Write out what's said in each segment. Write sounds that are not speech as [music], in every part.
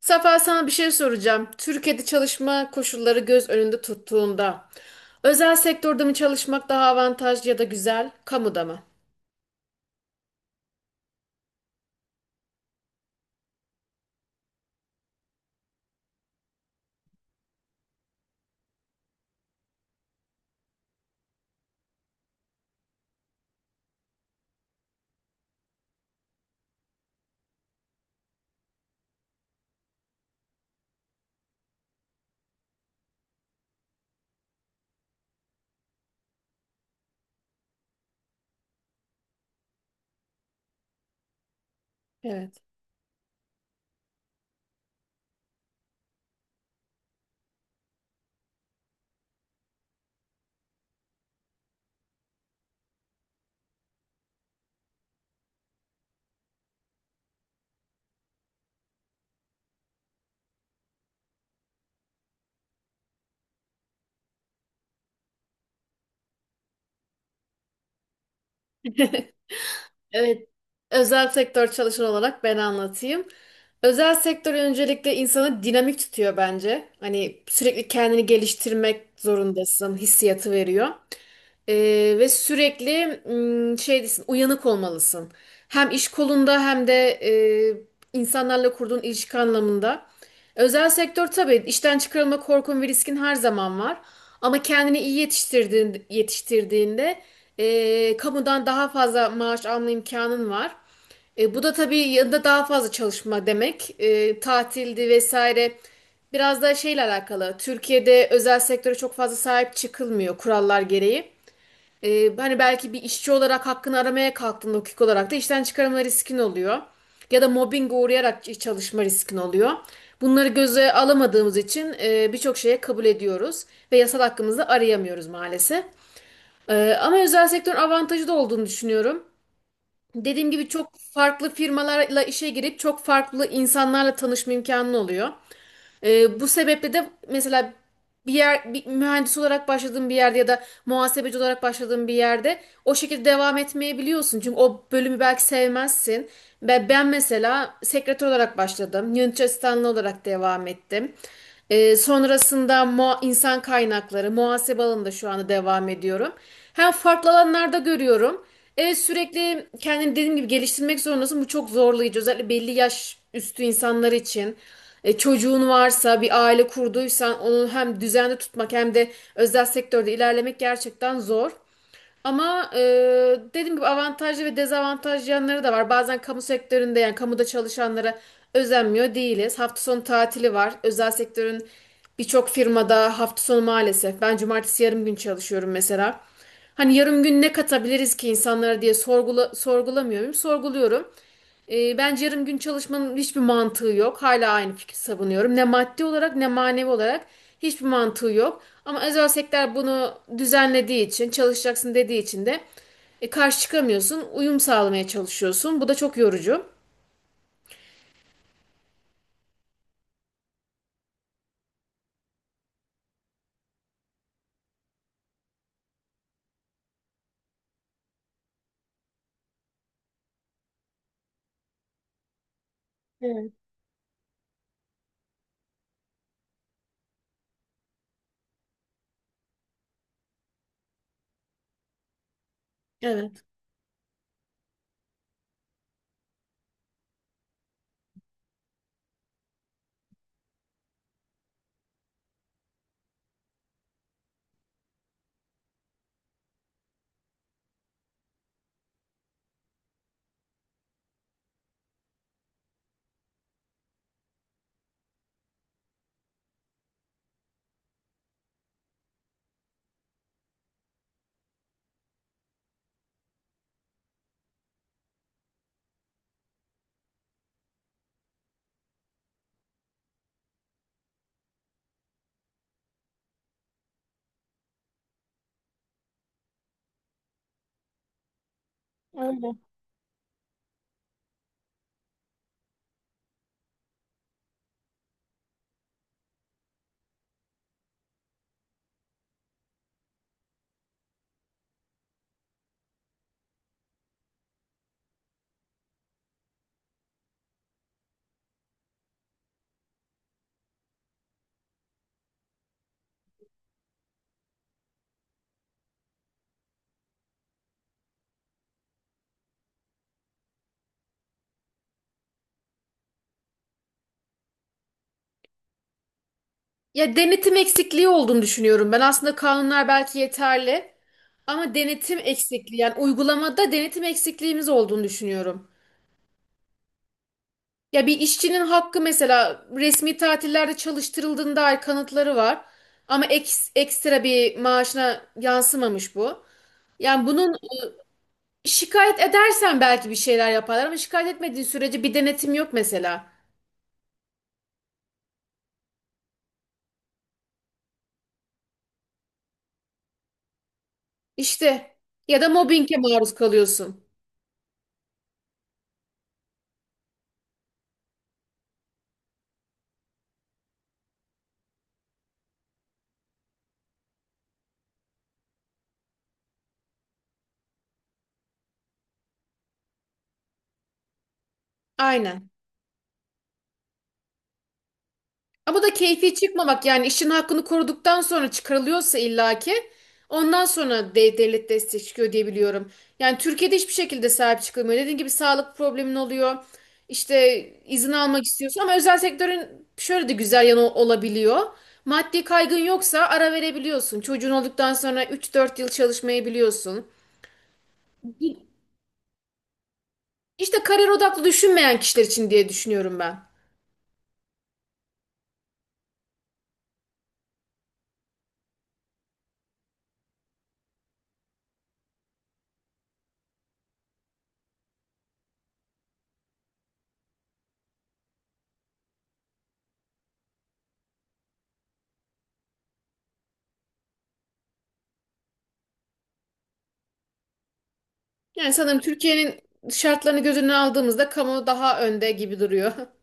Safa sana bir şey soracağım. Türkiye'de çalışma koşulları göz önünde tuttuğunda özel sektörde mi çalışmak daha avantajlı ya da güzel, kamuda mı? Evet. [laughs] Evet. Özel sektör çalışan olarak ben anlatayım. Özel sektör öncelikle insanı dinamik tutuyor bence. Hani sürekli kendini geliştirmek zorundasın, hissiyatı veriyor. Ve sürekli şey desin, uyanık olmalısın. Hem iş kolunda hem de insanlarla kurduğun ilişki anlamında. Özel sektör tabii işten çıkarılma korkun ve riskin her zaman var. Ama kendini iyi yetiştirdiğinde kamudan daha fazla maaş alma imkanın var. Bu da tabii yanında daha fazla çalışma demek. Tatildi vesaire. Biraz da şeyle alakalı. Türkiye'de özel sektöre çok fazla sahip çıkılmıyor kurallar gereği. Hani belki bir işçi olarak hakkını aramaya kalktığında hukuk olarak da işten çıkarılma riskin oluyor. Ya da mobbing uğrayarak çalışma riskin oluyor. Bunları göze alamadığımız için birçok şeye kabul ediyoruz ve yasal hakkımızı arayamıyoruz maalesef. Ama özel sektörün avantajı da olduğunu düşünüyorum. Dediğim gibi çok farklı firmalarla işe girip çok farklı insanlarla tanışma imkanı oluyor. Bu sebeple de mesela bir mühendis olarak başladığın bir yerde ya da muhasebeci olarak başladığın bir yerde o şekilde devam etmeyebiliyorsun. Çünkü o bölümü belki sevmezsin. Ben mesela sekreter olarak başladım. Yönetici asistanlığı olarak devam ettim. Sonrasında insan kaynakları, muhasebe alanında şu anda devam ediyorum. Hem farklı alanlarda görüyorum. Evet, sürekli kendini dediğim gibi geliştirmek zorundasın. Bu çok zorlayıcı. Özellikle belli yaş üstü insanlar için. Çocuğun varsa bir aile kurduysan onu hem düzenli tutmak hem de özel sektörde ilerlemek gerçekten zor. Ama dediğim gibi avantajlı ve dezavantajlı yanları da var. Bazen kamu sektöründe yani kamuda çalışanlara özenmiyor değiliz. Hafta sonu tatili var. Özel sektörün birçok firmada hafta sonu maalesef. Ben cumartesi yarım gün çalışıyorum mesela. Hani yarım gün ne katabiliriz ki insanlara diye sorgulamıyorum. Sorguluyorum. Bence yarım gün çalışmanın hiçbir mantığı yok. Hala aynı fikri savunuyorum. Ne maddi olarak ne manevi olarak hiçbir mantığı yok. Ama özel sektör bunu düzenlediği için, çalışacaksın dediği için de karşı çıkamıyorsun. Uyum sağlamaya çalışıyorsun. Bu da çok yorucu. Evet. Evet. Ya, denetim eksikliği olduğunu düşünüyorum. Ben aslında kanunlar belki yeterli ama denetim eksikliği yani uygulamada denetim eksikliğimiz olduğunu düşünüyorum. Ya bir işçinin hakkı mesela resmi tatillerde çalıştırıldığına dair kanıtları var. Ama ekstra bir maaşına yansımamış bu. Yani bunun şikayet edersen belki bir şeyler yaparlar, ama şikayet etmediğin sürece bir denetim yok mesela. İşte ya da mobbinge maruz kalıyorsun. Aynen. Ama bu da keyfi çıkmamak yani işin hakkını koruduktan sonra çıkarılıyorsa illaki ondan sonra devlet desteği çıkıyor diye biliyorum. Yani Türkiye'de hiçbir şekilde sahip çıkılmıyor. Dediğim gibi sağlık problemin oluyor. İşte izin almak istiyorsun ama özel sektörün şöyle de güzel yanı olabiliyor. Maddi kaygın yoksa ara verebiliyorsun. Çocuğun olduktan sonra 3-4 yıl çalışmayabiliyorsun. İşte kariyer odaklı düşünmeyen kişiler için diye düşünüyorum ben. Yani sanırım Türkiye'nin şartlarını göz önüne aldığımızda kamu daha önde gibi duruyor. [laughs]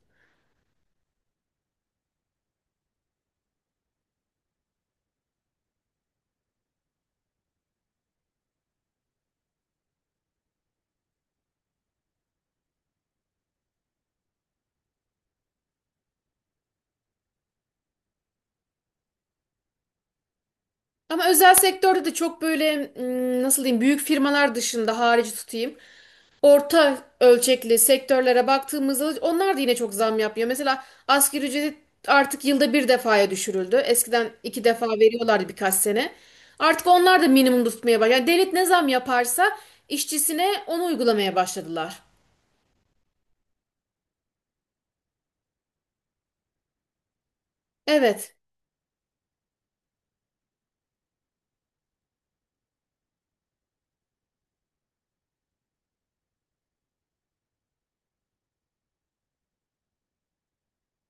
Ama özel sektörde de çok böyle nasıl diyeyim, büyük firmalar dışında harici tutayım. Orta ölçekli sektörlere baktığımızda onlar da yine çok zam yapmıyor. Mesela asgari ücret artık yılda bir defaya düşürüldü. Eskiden iki defa veriyorlardı birkaç sene. Artık onlar da minimum tutmaya başladı. Yani devlet ne zam yaparsa işçisine onu uygulamaya başladılar. Evet.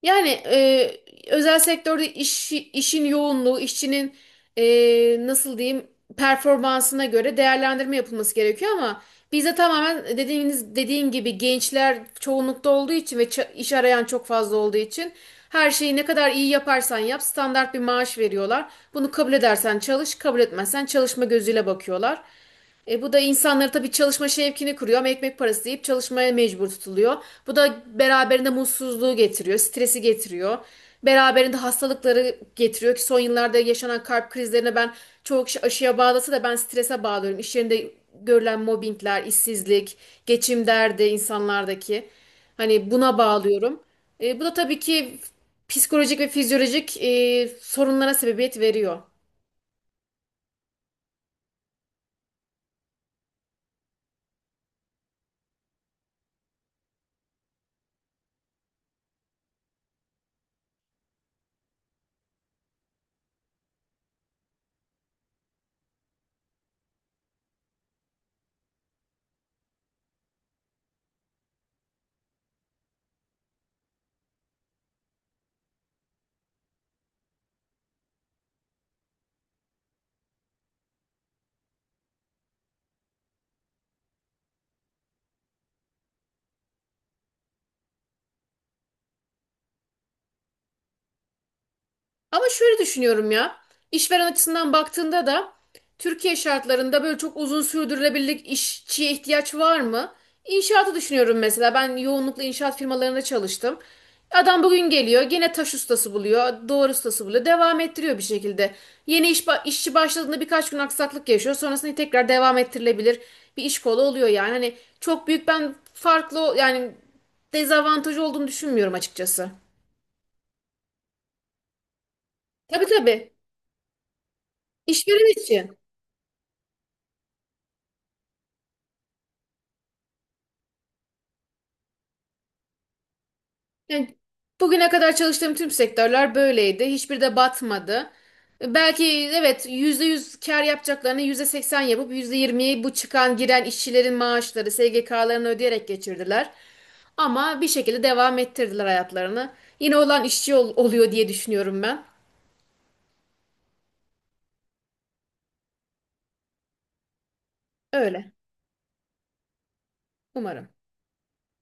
Yani özel sektörde işin yoğunluğu, işçinin e, nasıl diyeyim, performansına göre değerlendirme yapılması gerekiyor ama bizde tamamen dediğim gibi gençler çoğunlukta olduğu için ve iş arayan çok fazla olduğu için her şeyi ne kadar iyi yaparsan yap standart bir maaş veriyorlar. Bunu kabul edersen çalış, kabul etmezsen çalışma gözüyle bakıyorlar. Bu da insanları tabii çalışma şevkini kuruyor ama ekmek parası deyip çalışmaya mecbur tutuluyor. Bu da beraberinde mutsuzluğu getiriyor, stresi getiriyor. Beraberinde hastalıkları getiriyor ki son yıllarda yaşanan kalp krizlerine ben, çoğu kişi aşıya bağlasa da ben strese bağlıyorum. İş yerinde görülen mobbingler, işsizlik, geçim derdi insanlardaki. Hani buna bağlıyorum. Bu da tabii ki psikolojik ve fizyolojik sorunlara sebebiyet veriyor. Ama şöyle düşünüyorum ya. İşveren açısından baktığında da Türkiye şartlarında böyle çok uzun sürdürülebilirlik işçiye ihtiyaç var mı? İnşaatı düşünüyorum mesela. Ben yoğunlukla inşaat firmalarında çalıştım. Adam bugün geliyor, gene taş ustası buluyor, doğru ustası buluyor, devam ettiriyor bir şekilde. Yeni işçi başladığında birkaç gün aksaklık yaşıyor, sonrasında tekrar devam ettirilebilir bir iş kolu oluyor yani. Hani çok büyük ben farklı yani dezavantajı olduğunu düşünmüyorum açıkçası. Tabii, tabii. İşveren için. Yani bugüne kadar çalıştığım tüm sektörler böyleydi. Hiçbiri de batmadı. Belki evet, %100 kar yapacaklarını %80 yapıp %20'yi bu çıkan giren işçilerin maaşları, SGK'larını ödeyerek geçirdiler. Ama bir şekilde devam ettirdiler hayatlarını. Yine olan işçi oluyor diye düşünüyorum ben. Öyle. Umarım.